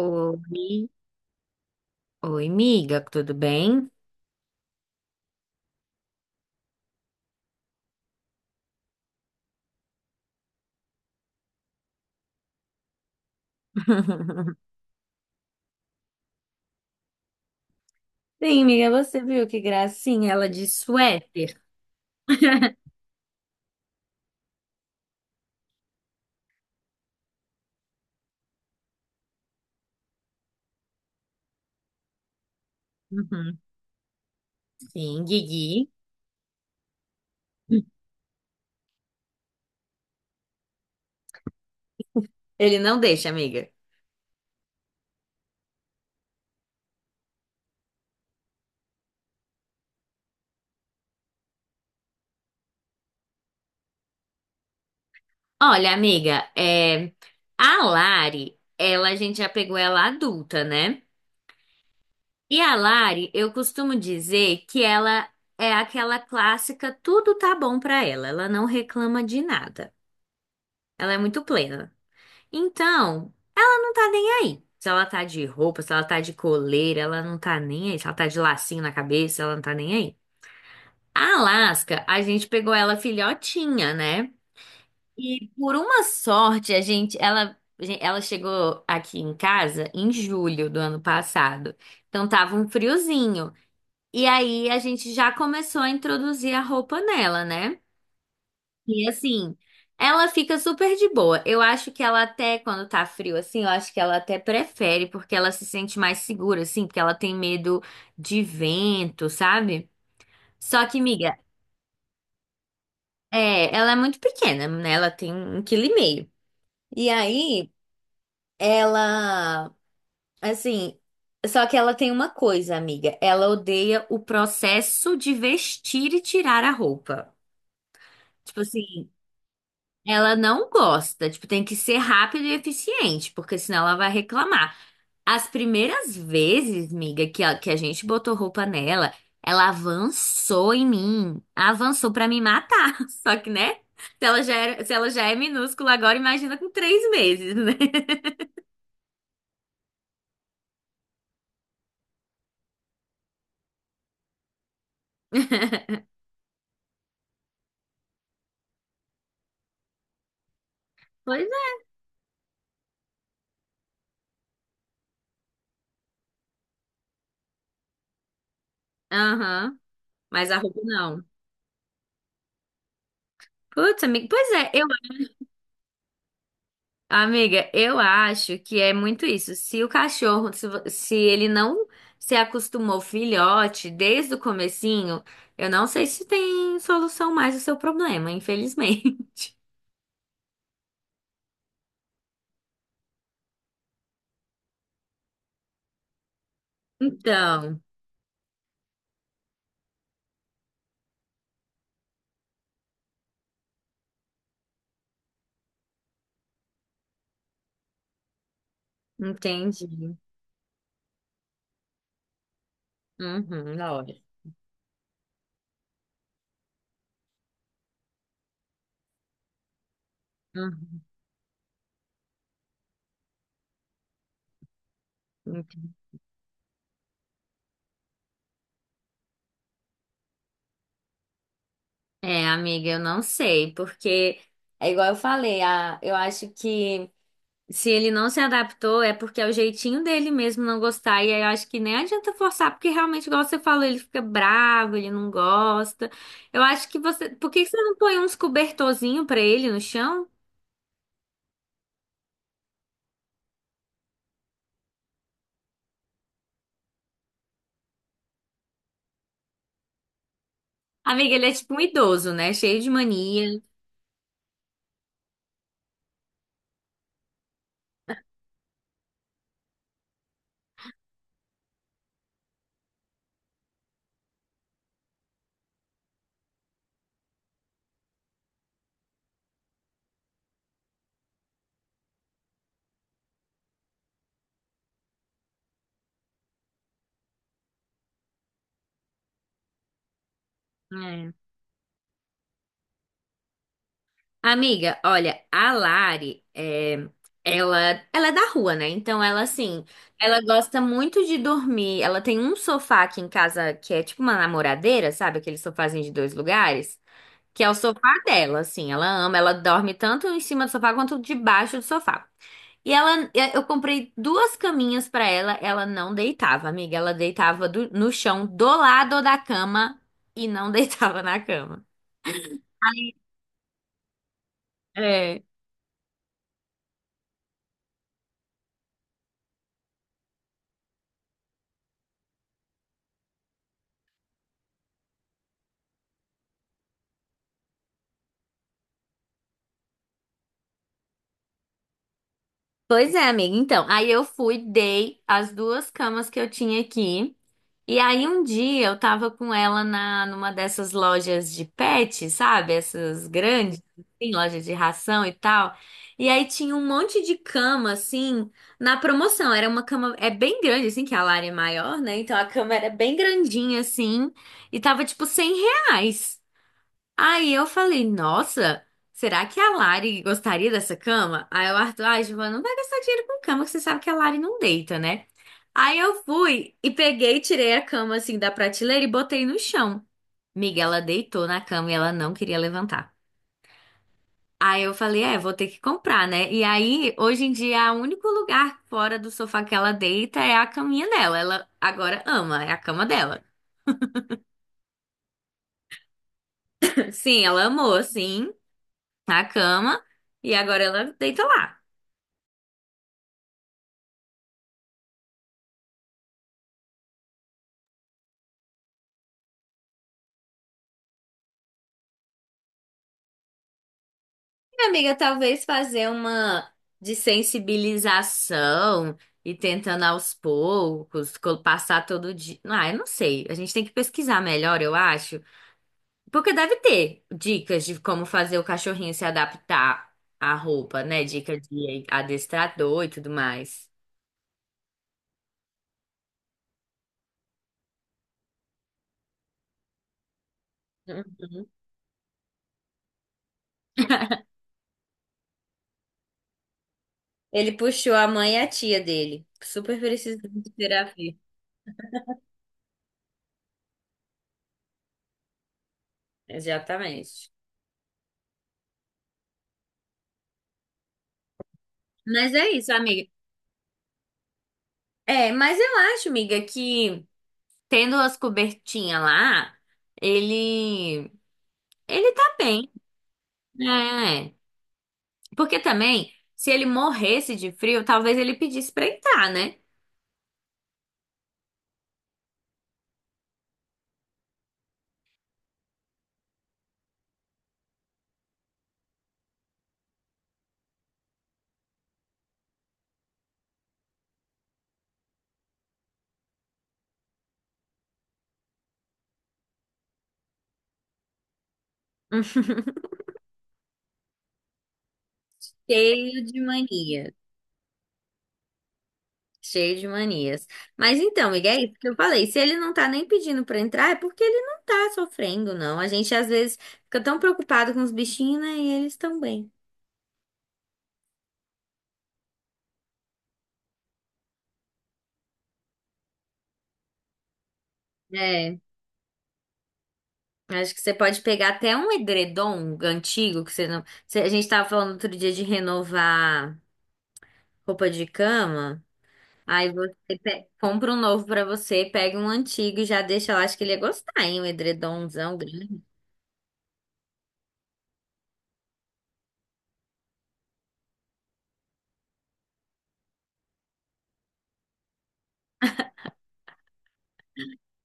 Oi, miga, tudo bem? Sim, miga, você viu que gracinha ela de suéter. Uhum. Sim, Guigui. Ele não deixa, amiga. Olha, amiga, a Lari, ela, a gente já pegou ela adulta, né? E a Lari, eu costumo dizer que ela é aquela clássica, tudo tá bom pra ela, ela não reclama de nada, ela é muito plena. Então, não tá nem aí. Se ela tá de roupa, se ela tá de coleira, ela não tá nem aí. Se ela tá de lacinho na cabeça, ela não tá nem aí. A Alaska, a gente pegou ela filhotinha, né? E por uma sorte, a gente, ela chegou aqui em casa em julho do ano passado. Então tava um friozinho. E aí a gente já começou a introduzir a roupa nela, né? E assim, ela fica super de boa. Eu acho que ela até, quando tá frio assim, eu acho que ela até prefere, porque ela se sente mais segura, assim, porque ela tem medo de vento, sabe? Só que, miga, é, ela é muito pequena, né? Ela tem 1,5 quilo. E aí, ela, assim, só que ela tem uma coisa, amiga. Ela odeia o processo de vestir e tirar a roupa. Tipo assim. Ela não gosta, tipo, tem que ser rápido e eficiente, porque senão ela vai reclamar. As primeiras vezes, miga, que a gente botou roupa nela, ela avançou em mim, avançou pra me matar. Só que, né? Se ela já era, se ela já é minúscula agora, imagina com 3 meses, né? Pois é. Aham. Mas a roupa não. Putz, amiga. Pois é, amiga, eu acho que é muito isso. Se o cachorro, se, se ele não se acostumou filhote desde o comecinho, eu não sei se tem solução mais o seu problema, infelizmente. Então, entendi. Uhum, da hora. Uhum, ent- é, amiga, eu não sei, porque é igual eu falei, eu acho que se ele não se adaptou, é porque é o jeitinho dele mesmo não gostar. E aí eu acho que nem adianta forçar, porque realmente, igual você falou, ele fica bravo, ele não gosta. Eu acho que você. Por que que você não põe uns cobertorzinho pra ele no chão? Amiga, ele é tipo um idoso, né? Cheio de mania. É. Amiga, olha, a Lari, é, ela, ela é da rua, né? Então ela, assim, ela gosta muito de dormir. Ela tem um sofá aqui em casa que é tipo uma namoradeira, sabe? Aquele sofazinho de dois lugares. Que é o sofá dela, assim. Ela ama, ela dorme tanto em cima do sofá quanto debaixo do sofá. E ela, eu comprei duas caminhas pra ela, ela não deitava, amiga. Ela deitava no chão do lado da cama e não deitava na cama. É. Pois é, amiga. Então, aí eu fui, dei as duas camas que eu tinha aqui. E aí um dia eu tava com ela na numa dessas lojas de pet, sabe? Essas grandes, assim, lojas de ração e tal. E aí tinha um monte de cama assim na promoção. Era uma cama é bem grande assim, que a Lara é maior, né? Então a cama era bem grandinha assim e tava tipo R$ 100. Aí eu falei, nossa, será que a Lari gostaria dessa cama? Aí o Arthur, ai, Giovana, não vai gastar dinheiro com cama, que você sabe que a Lari não deita, né? Aí eu fui e peguei, tirei a cama assim da prateleira e botei no chão. Miga, ela deitou na cama e ela não queria levantar. Aí eu falei, é, vou ter que comprar, né? E aí, hoje em dia, o único lugar fora do sofá que ela deita é a caminha dela. Ela agora ama, é a cama dela. Sim, ela amou, sim, a cama. E agora ela deita lá. Amiga, talvez fazer uma desensibilização e tentando aos poucos, passar todo dia. Ah, eu não sei. A gente tem que pesquisar melhor, eu acho. Porque deve ter dicas de como fazer o cachorrinho se adaptar à roupa, né? Dica de adestrador e tudo mais. Uhum. Ele puxou a mãe e a tia dele. Super precisando de terapia. Exatamente. Mas é isso, amiga. É, mas eu acho, amiga, que tendo as cobertinhas lá, ele ele tá bem, né? Porque também, se ele morresse de frio, talvez ele pedisse pra entrar, né? Hum. Cheio de manias, cheio de manias. Mas então, amiga, é isso que eu falei. Se ele não tá nem pedindo pra entrar, é porque ele não tá sofrendo, não. A gente às vezes fica tão preocupado com os bichinhos, né? E eles estão bem. É, acho que você pode pegar até um edredom antigo que você não. A gente tava falando outro dia de renovar. Roupa de cama? Aí você compra um novo pra você, pega um antigo e já deixa lá. Acho que ele ia gostar, hein? Um edredomzão grande.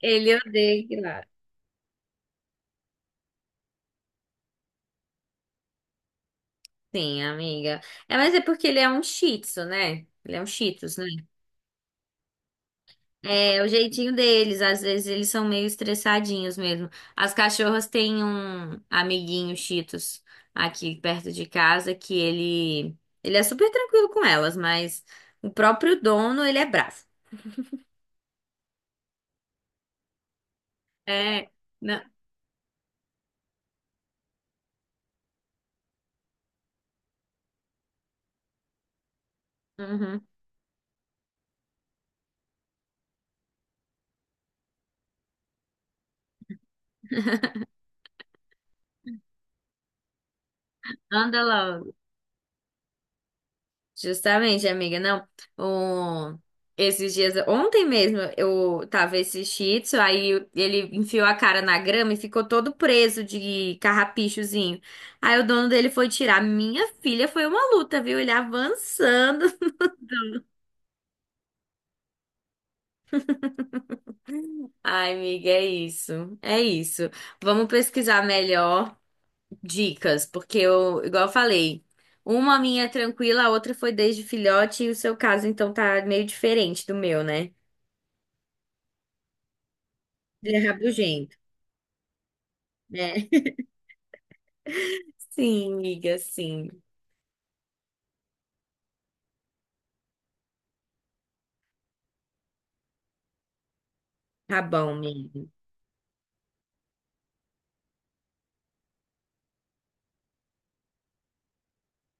Ele odeia que lá. Sim, amiga. É, mas é porque ele é um shih tzu, né? Ele é um shih tzus, né? É, o jeitinho deles. Às vezes eles são meio estressadinhos mesmo. As cachorras têm um amiguinho shih tzus aqui perto de casa que ele... Ele é super tranquilo com elas, mas o próprio dono, ele é bravo. É, não. Uhum. Anda logo. Justamente, amiga. Não, o- esses dias, ontem mesmo, eu tava esse Shih Tzu, aí ele enfiou a cara na grama e ficou todo preso de carrapichozinho. Aí o dono dele foi tirar. Minha filha foi uma luta, viu? Ele avançando. Ai, amiga, é isso. É isso. Vamos pesquisar melhor dicas, porque eu, igual eu falei, uma minha é tranquila, a outra foi desde filhote, e o seu caso, então, tá meio diferente do meu, né? Ele é rabugento, né? Sim, amiga, sim. Tá bom, amiga.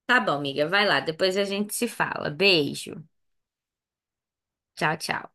Tá bom, amiga, vai lá, depois a gente se fala. Beijo. Tchau, tchau.